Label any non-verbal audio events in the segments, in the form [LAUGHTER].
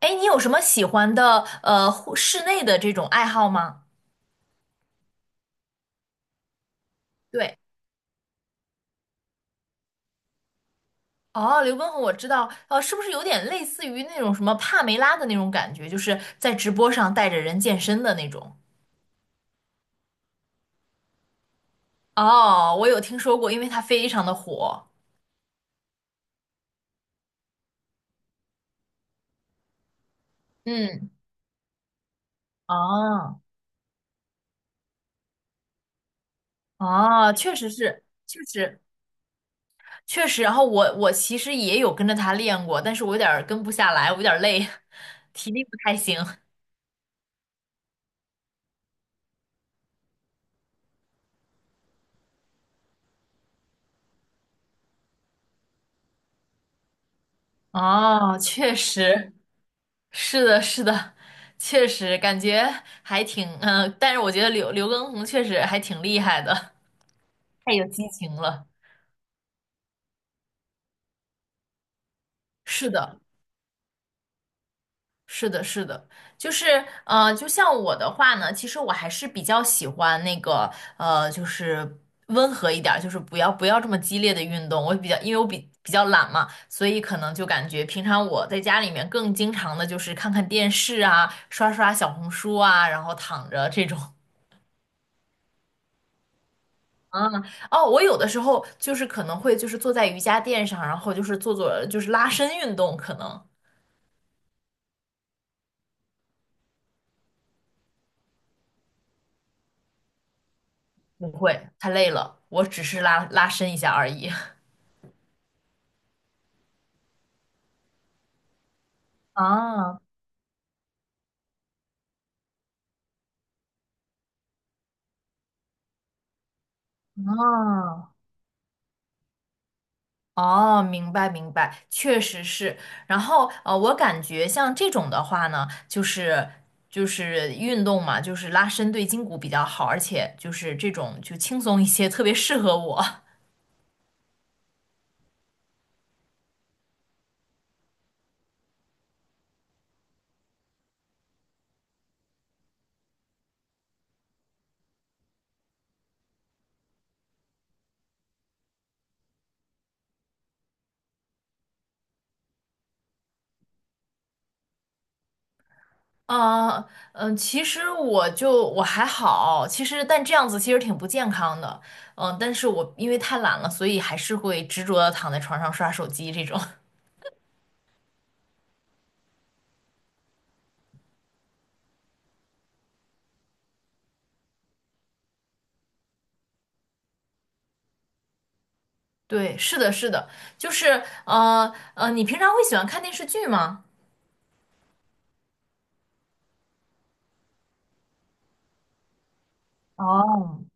哎，你有什么喜欢的室内的这种爱好吗？对。哦，刘畊宏我知道，是不是有点类似于那种什么帕梅拉的那种感觉，就是在直播上带着人健身的那种？哦，我有听说过，因为它非常的火。嗯，哦哦，确实是，确实确实。然后我其实也有跟着他练过，但是我有点儿跟不下来，我有点儿累，[LAUGHS] 体力不太行。哦，确实。是的，是的，确实感觉还挺，但是我觉得刘畊宏确实还挺厉害的，[LAUGHS] 太有激情了。是的，是的，是的，就是就像我的话呢，其实我还是比较喜欢那个就是温和一点儿，就是不要这么激烈的运动。我比较，因为我比较懒嘛，所以可能就感觉平常我在家里面更经常的就是看看电视啊，刷刷小红书啊，然后躺着这种。嗯，哦，我有的时候就是可能会就是坐在瑜伽垫上，然后就是做做就是拉伸运动，可能不会太累了，我只是拉伸一下而已。[LAUGHS] 啊啊哦，明白明白，确实是。然后我感觉像这种的话呢，就是运动嘛，就是拉伸对筋骨比较好，而且就是这种就轻松一些，特别适合我。[LAUGHS] 啊，其实我还好，其实但这样子其实挺不健康的，但是我因为太懒了，所以还是会执着的躺在床上刷手机这种。[LAUGHS] 对，是的，是的，就是你平常会喜欢看电视剧吗？哦。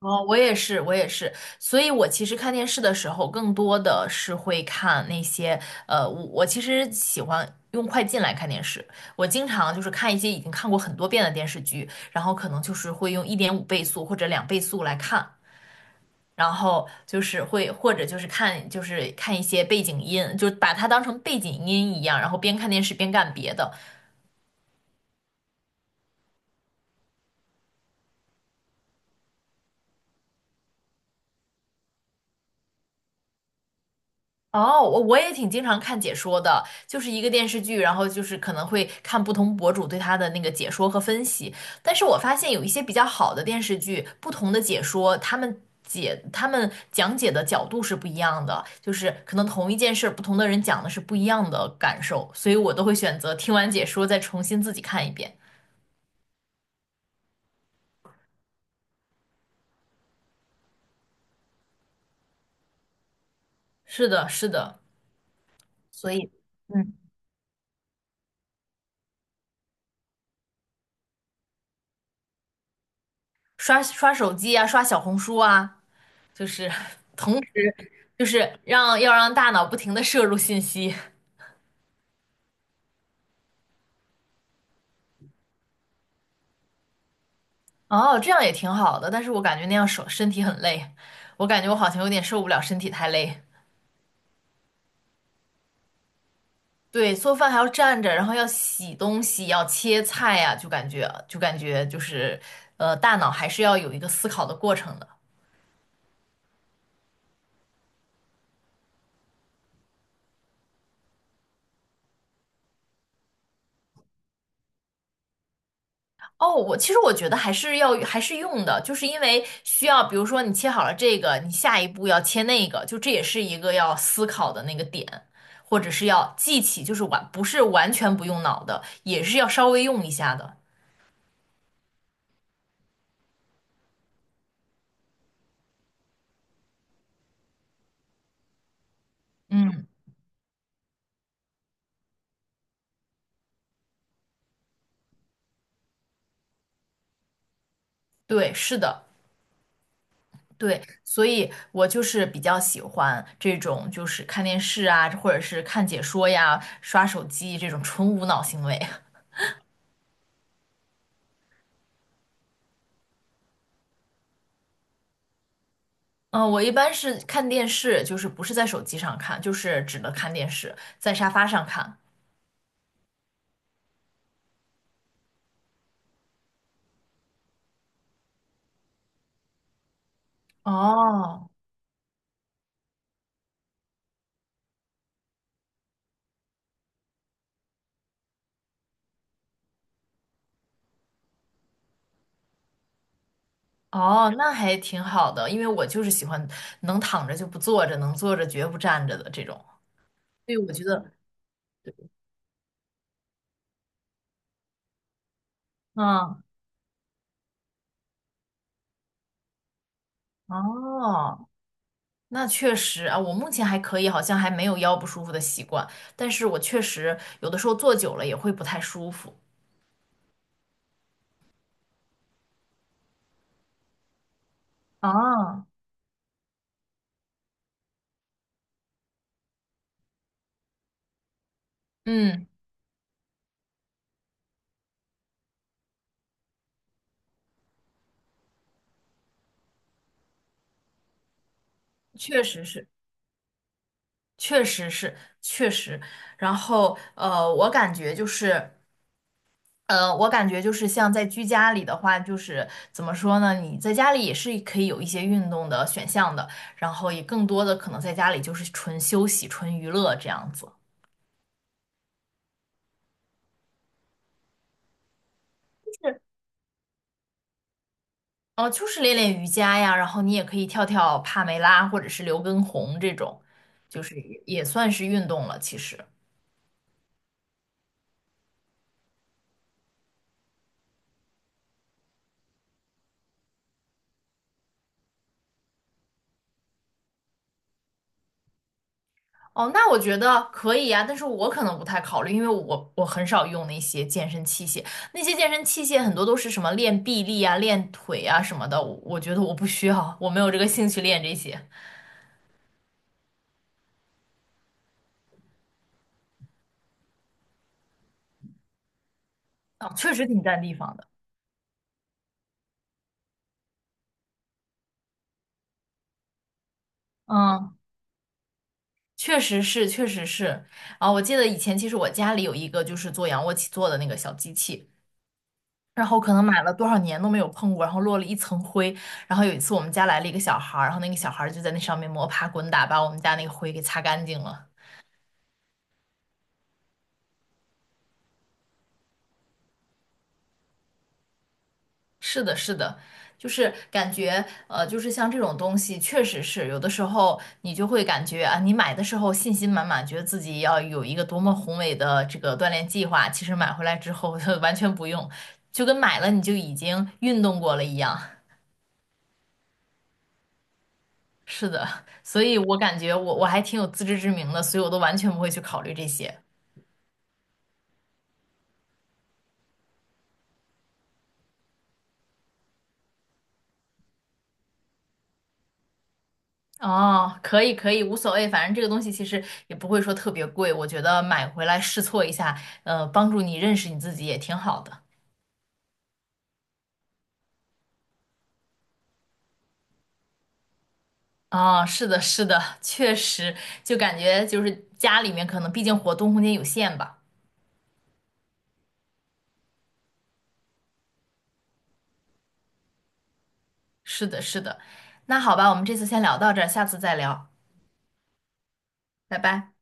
哦，我也是，我也是，所以我其实看电视的时候，更多的是会看那些，我其实喜欢用快进来看电视，我经常就是看一些已经看过很多遍的电视剧，然后可能就是会用1.5倍速或者2倍速来看，然后就是会或者就是看一些背景音，就把它当成背景音一样，然后边看电视边干别的，哦，我也挺经常看解说的，就是一个电视剧，然后就是可能会看不同博主对它的那个解说和分析。但是我发现有一些比较好的电视剧，不同的解说，他们讲解的角度是不一样的，就是可能同一件事儿，不同的人讲的是不一样的感受，所以我都会选择听完解说再重新自己看一遍。是的，是的，所以，嗯，刷刷手机啊，刷小红书啊。就是同时就是要让大脑不停的摄入信息。哦，这样也挺好的，但是我感觉那样身体很累，我感觉我好像有点受不了身体太累。对，做饭还要站着，然后要洗东西，要切菜呀、就感觉就是大脑还是要有一个思考的过程的。哦，其实我觉得还是用的，就是因为需要，比如说你切好了这个，你下一步要切那个，就这也是一个要思考的那个点，或者是要记起，就是不是完全不用脑的，也是要稍微用一下的。嗯，对，是的，对，所以我就是比较喜欢这种，就是看电视啊，或者是看解说呀、刷手机这种纯无脑行为。嗯，我一般是看电视，就是不是在手机上看，就是只能看电视，在沙发上看。哦哦，那还挺好的，因为我就是喜欢能躺着就不坐着，能坐着绝不站着的这种。对，我觉得，嗯，哦，那确实啊，我目前还可以，好像还没有腰不舒服的习惯，但是我确实有的时候坐久了也会不太舒服。啊，嗯，确实是。确实是，确实。然后，我感觉就是，我感觉就是像在居家里的话，就是怎么说呢？你在家里也是可以有一些运动的选项的，然后也更多的可能在家里就是纯休息、纯娱乐这样子。哦，就是练练瑜伽呀，然后你也可以跳跳帕梅拉或者是刘畊宏这种，就是也算是运动了，其实。哦，那我觉得可以呀，但是我可能不太考虑，因为我很少用那些健身器械，那些健身器械很多都是什么练臂力啊、练腿啊什么的，我觉得我不需要，我没有这个兴趣练这些。啊，确实挺占地方的。嗯，确实是，确实是。啊，我记得以前其实我家里有一个就是做仰卧起坐的那个小机器，然后可能买了多少年都没有碰过，然后落了一层灰。然后有一次我们家来了一个小孩儿，然后那个小孩儿就在那上面摸爬滚打，把我们家那个灰给擦干净了。是的，是的，就是感觉，就是像这种东西，确实是有的时候你就会感觉啊，你买的时候信心满满，觉得自己要有一个多么宏伟的这个锻炼计划，其实买回来之后 [LAUGHS] 完全不用，就跟买了你就已经运动过了一样。是的，所以我感觉我还挺有自知之明的，所以我都完全不会去考虑这些。哦，可以可以，无所谓，反正这个东西其实也不会说特别贵，我觉得买回来试错一下，帮助你认识你自己也挺好的。啊，是的，是的，确实，就感觉就是家里面可能毕竟活动空间有限吧。是的，是的。那好吧，我们这次先聊到这儿，下次再聊，拜拜。